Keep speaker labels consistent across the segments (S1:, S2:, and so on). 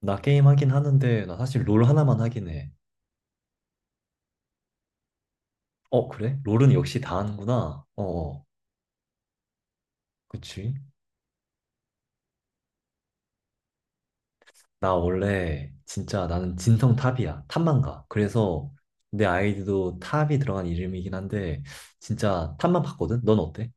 S1: 나 게임 하긴 하는데 나 사실 롤 하나만 하긴 해. 어, 그래? 롤은 역시 다 하는구나. 그치? 나 원래 진짜 나는 진성 탑이야. 탑만 가. 그래서 내 아이디도 탑이 들어간 이름이긴 한데 진짜 탑만 봤거든? 넌 어때?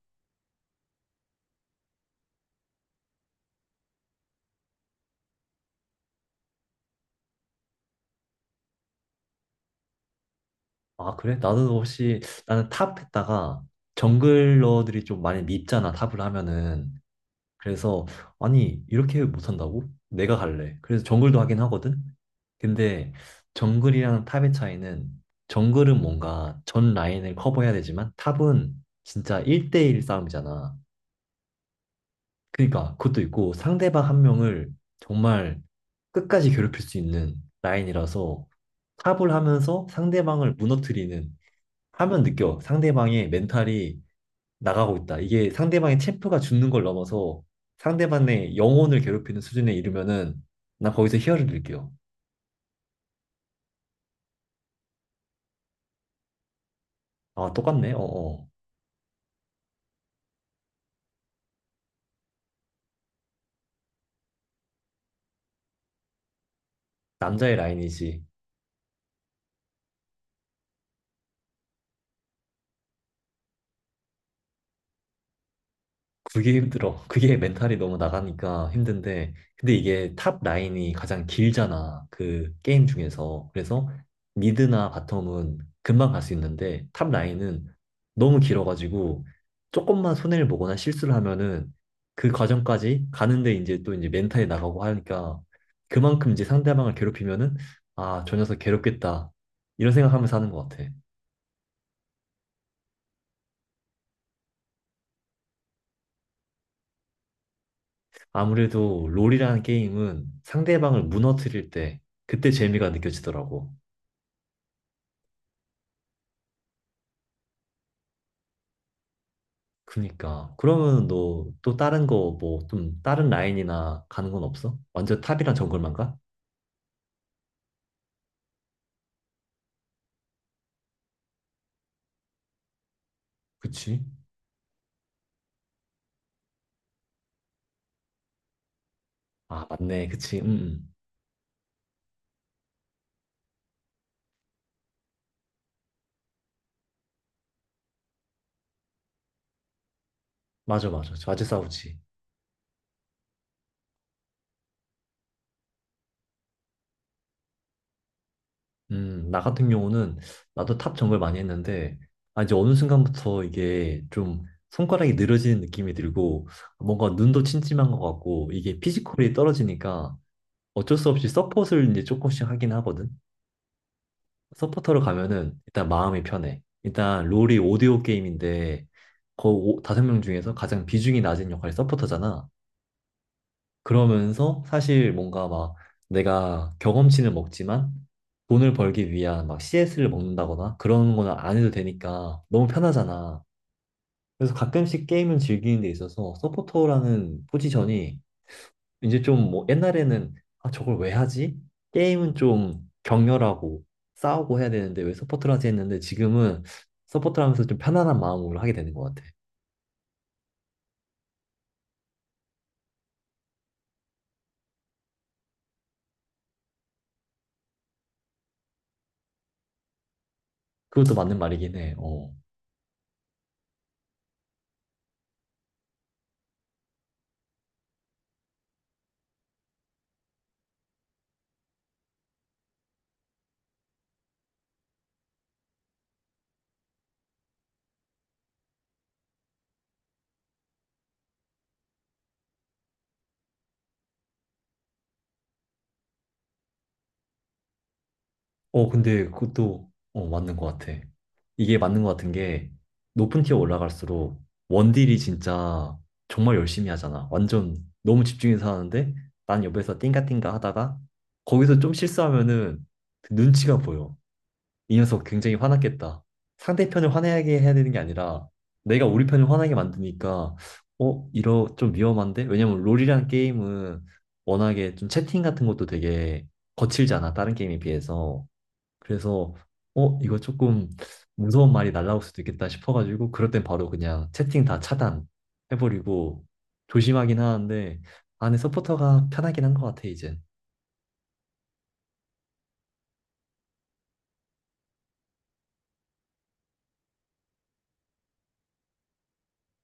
S1: 아, 그래? 나도 혹시 나는 탑 했다가 정글러들이 좀 많이 밉잖아, 탑을 하면은. 그래서 아니 이렇게 못한다고? 내가 갈래. 그래서 정글도 하긴 하거든. 근데 정글이랑 탑의 차이는 정글은 뭔가 전 라인을 커버해야 되지만 탑은 진짜 1대1 싸움이잖아. 그러니까 그것도 있고 상대방 한 명을 정말 끝까지 괴롭힐 수 있는 라인이라서 탑을 하면서 상대방을 무너뜨리는 하면 느껴. 상대방의 멘탈이 나가고 있다. 이게 상대방의 체포가 죽는 걸 넘어서 상대방의 영혼을 괴롭히는 수준에 이르면은 난 거기서 희열을 느껴. 아, 똑같네. 어어. 남자의 라인이지. 그게 힘들어. 그게 멘탈이 너무 나가니까 힘든데. 근데 이게 탑 라인이 가장 길잖아. 그 게임 중에서. 그래서 미드나 바텀은 금방 갈 수 있는데 탑 라인은 너무 길어가지고 조금만 손해를 보거나 실수를 하면은 그 과정까지 가는데 이제 또 멘탈이 나가고 하니까 그만큼 이제 상대방을 괴롭히면은 아, 저 녀석 괴롭겠다. 이런 생각하면서 하는 것 같아. 아무래도 롤이라는 게임은 상대방을 무너뜨릴 때 그때 재미가 느껴지더라고. 그니까 그러면 너 또 다른 거 뭐 좀 다른 라인이나 가는 건 없어? 완전 탑이랑 정글만 가? 그치? 아 맞네, 그치. 맞아, 맞아, 자주 싸우지. 음, 나 같은 경우는 나도 탑 정글 많이 했는데 아 이제 어느 순간부터 이게 좀 손가락이 늘어지는 느낌이 들고 뭔가 눈도 침침한 것 같고 이게 피지컬이 떨어지니까 어쩔 수 없이 서폿을 이제 조금씩 하긴 하거든. 서포터로 가면은 일단 마음이 편해. 일단 롤이 오디오 게임인데 다섯 명 중에서 가장 비중이 낮은 역할이 서포터잖아. 그러면서 사실 뭔가 막 내가 경험치는 먹지만 돈을 벌기 위한 막 CS를 먹는다거나 그런 거는 안 해도 되니까 너무 편하잖아. 그래서 가끔씩 게임을 즐기는 데 있어서 서포터라는 포지션이 이제 옛날에는 아 저걸 왜 하지? 게임은 좀 격렬하고 싸우고 해야 되는데 왜 서포트를 하지 했는데 지금은 서포트를 하면서 좀 편안한 마음으로 하게 되는 것 같아. 그것도 맞는 말이긴 해. 어. 근데 그것도 맞는 것 같아. 이게 맞는 것 같은 게 높은 티어 올라갈수록 원딜이 진짜 정말 열심히 하잖아. 완전 너무 집중해서 하는데 난 옆에서 띵가띵가 하다가 거기서 좀 실수하면은 눈치가 보여. 이 녀석 굉장히 화났겠다. 상대편을 화나게 해야 되는 게 아니라 내가 우리 편을 화나게 만드니까 어, 이러 좀 위험한데? 왜냐면 롤이란 게임은 워낙에 좀 채팅 같은 것도 되게 거칠잖아. 다른 게임에 비해서. 그래서 이거 조금 무서운 말이 날라올 수도 있겠다 싶어가지고 그럴 땐 바로 그냥 채팅 다 차단 해버리고 조심하긴 하는데 안에 서포터가 편하긴 한 것 같아 이젠.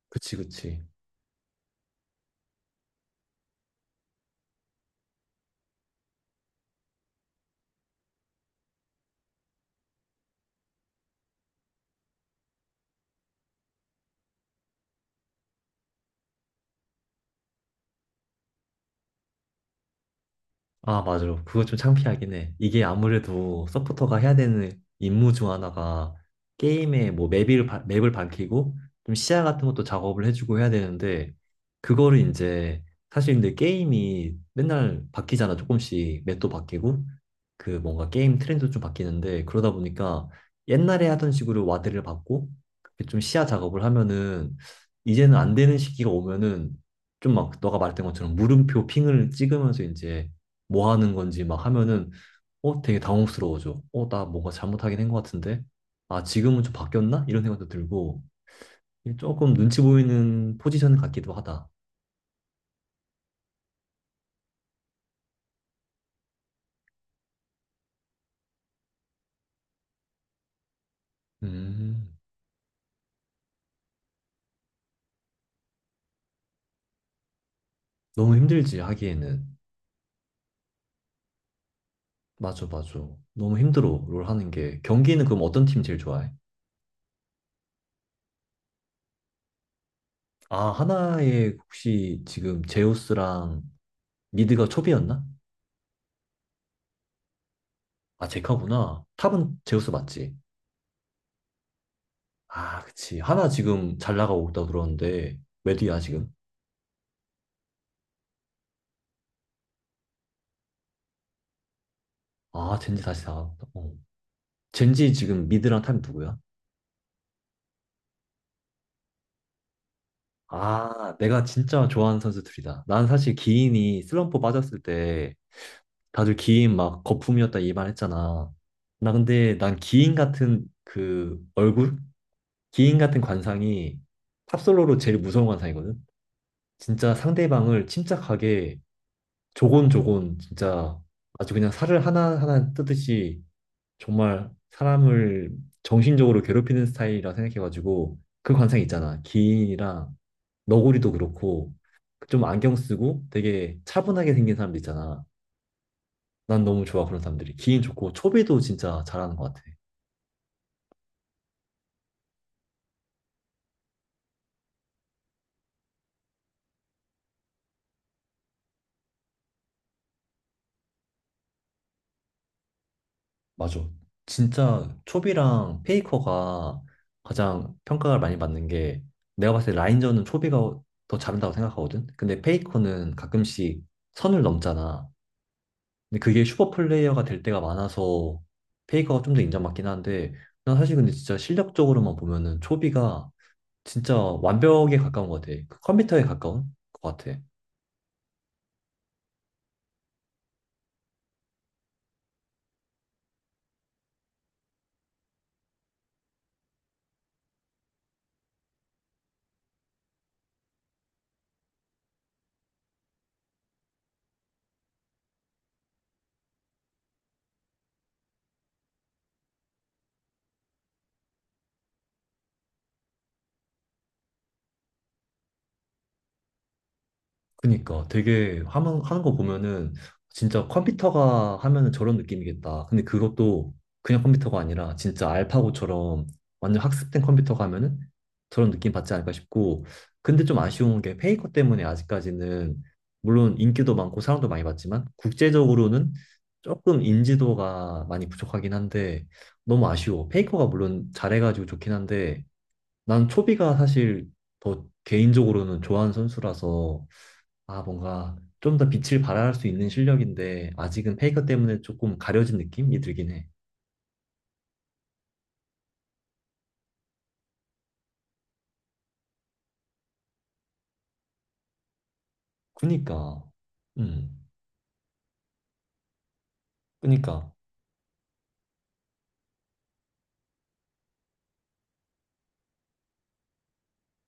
S1: 그치. 아, 맞아. 그거 좀 창피하긴 해. 이게 아무래도 서포터가 해야 되는 임무 중 하나가 게임의 뭐 맵을 밝히고 좀 시야 같은 것도 작업을 해주고 해야 되는데 그거를 이제 사실 근데 게임이 맨날 바뀌잖아. 조금씩 맵도 바뀌고 그 뭔가 게임 트렌드도 좀 바뀌는데 그러다 보니까 옛날에 하던 식으로 와드를 받고 그좀 시야 작업을 하면은 이제는 안 되는 시기가 오면은 좀 막 너가 말했던 것처럼 물음표 핑을 찍으면서 이제 뭐 하는 건지 막 하면은 어 되게 당혹스러워져. 어 나 뭔가 잘못하긴 한 것 같은데. 아 지금은 좀 바뀌었나? 이런 생각도 들고 이게 조금 눈치 보이는 포지션 같기도 하다. 음, 너무 힘들지 하기에는. 맞아, 맞아. 너무 힘들어 롤 하는 게. 경기는 그럼 어떤 팀 제일 좋아해? 아, 하나에 혹시 지금 제우스랑 미드가 초비였나? 아 제카구나. 탑은 제우스 맞지? 아 그치. 하나 지금 잘 나가고 있다고 들었는데 왜 뒤야 지금? 아, 젠지 다시 나왔다. 젠지 지금 미드랑 탑이 누구야? 아, 내가 진짜 좋아하는 선수들이다. 난 사실 기인이 슬럼프 빠졌을 때 다들 기인 막 거품이었다 이 말 했잖아. 나 근데 난 기인 같은 그 얼굴? 기인 같은 관상이 탑솔로로 제일 무서운 관상이거든? 진짜 상대방을 침착하게 조곤조곤 진짜 아주 그냥 살을 하나하나 뜯듯이 정말 사람을 정신적으로 괴롭히는 스타일이라 생각해가지고 그 관상 있잖아. 기인이랑 너구리도 그렇고 좀 안경 쓰고 되게 차분하게 생긴 사람들 있잖아. 난 너무 좋아 그런 사람들이. 기인 좋고 초비도 진짜 잘하는 것 같아. 맞아. 진짜 초비랑 페이커가 가장 평가를 많이 받는 게 내가 봤을 때 라인전은 초비가 더 잘한다고 생각하거든. 근데 페이커는 가끔씩 선을 넘잖아. 근데 그게 슈퍼 플레이어가 될 때가 많아서 페이커가 좀 더 인정받긴 한데 난 사실 근데 진짜 실력적으로만 보면은 초비가 진짜 완벽에 가까운 것 같아. 그 컴퓨터에 가까운 것 같아. 그니까 되게 하는 거 보면은 진짜 컴퓨터가 하면은 저런 느낌이겠다. 근데 그것도 그냥 컴퓨터가 아니라 진짜 알파고처럼 완전 학습된 컴퓨터가 하면은 저런 느낌 받지 않을까 싶고. 근데 좀 아쉬운 게 페이커 때문에 아직까지는 물론 인기도 많고 사랑도 많이 받지만 국제적으로는 조금 인지도가 많이 부족하긴 한데 너무 아쉬워. 페이커가 물론 잘해가지고 좋긴 한데 난 초비가 사실 더 개인적으로는 좋아하는 선수라서 아, 뭔가 좀 더 빛을 발할 수 있는 실력인데 아직은 페이커 때문에 조금 가려진 느낌이 들긴 해. 그니까, 음, 그니까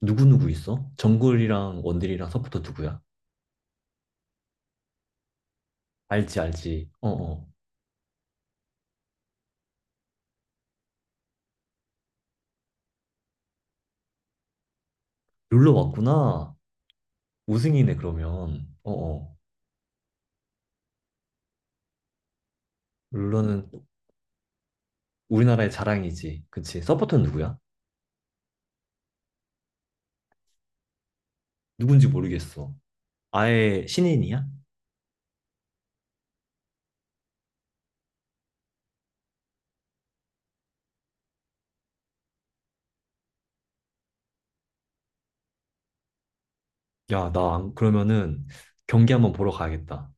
S1: 누구 누구 있어? 정글이랑 원딜이랑 서포터 누구야? 알지. 어 어. 룰러 왔구나. 우승이네 그러면. 어 어. 룰러는 우리나라의 자랑이지. 그치? 서포터는 누구야? 누군지 모르겠어. 아예 신인이야? 야, 나 안- 그러면은 경기 한번 보러 가야겠다.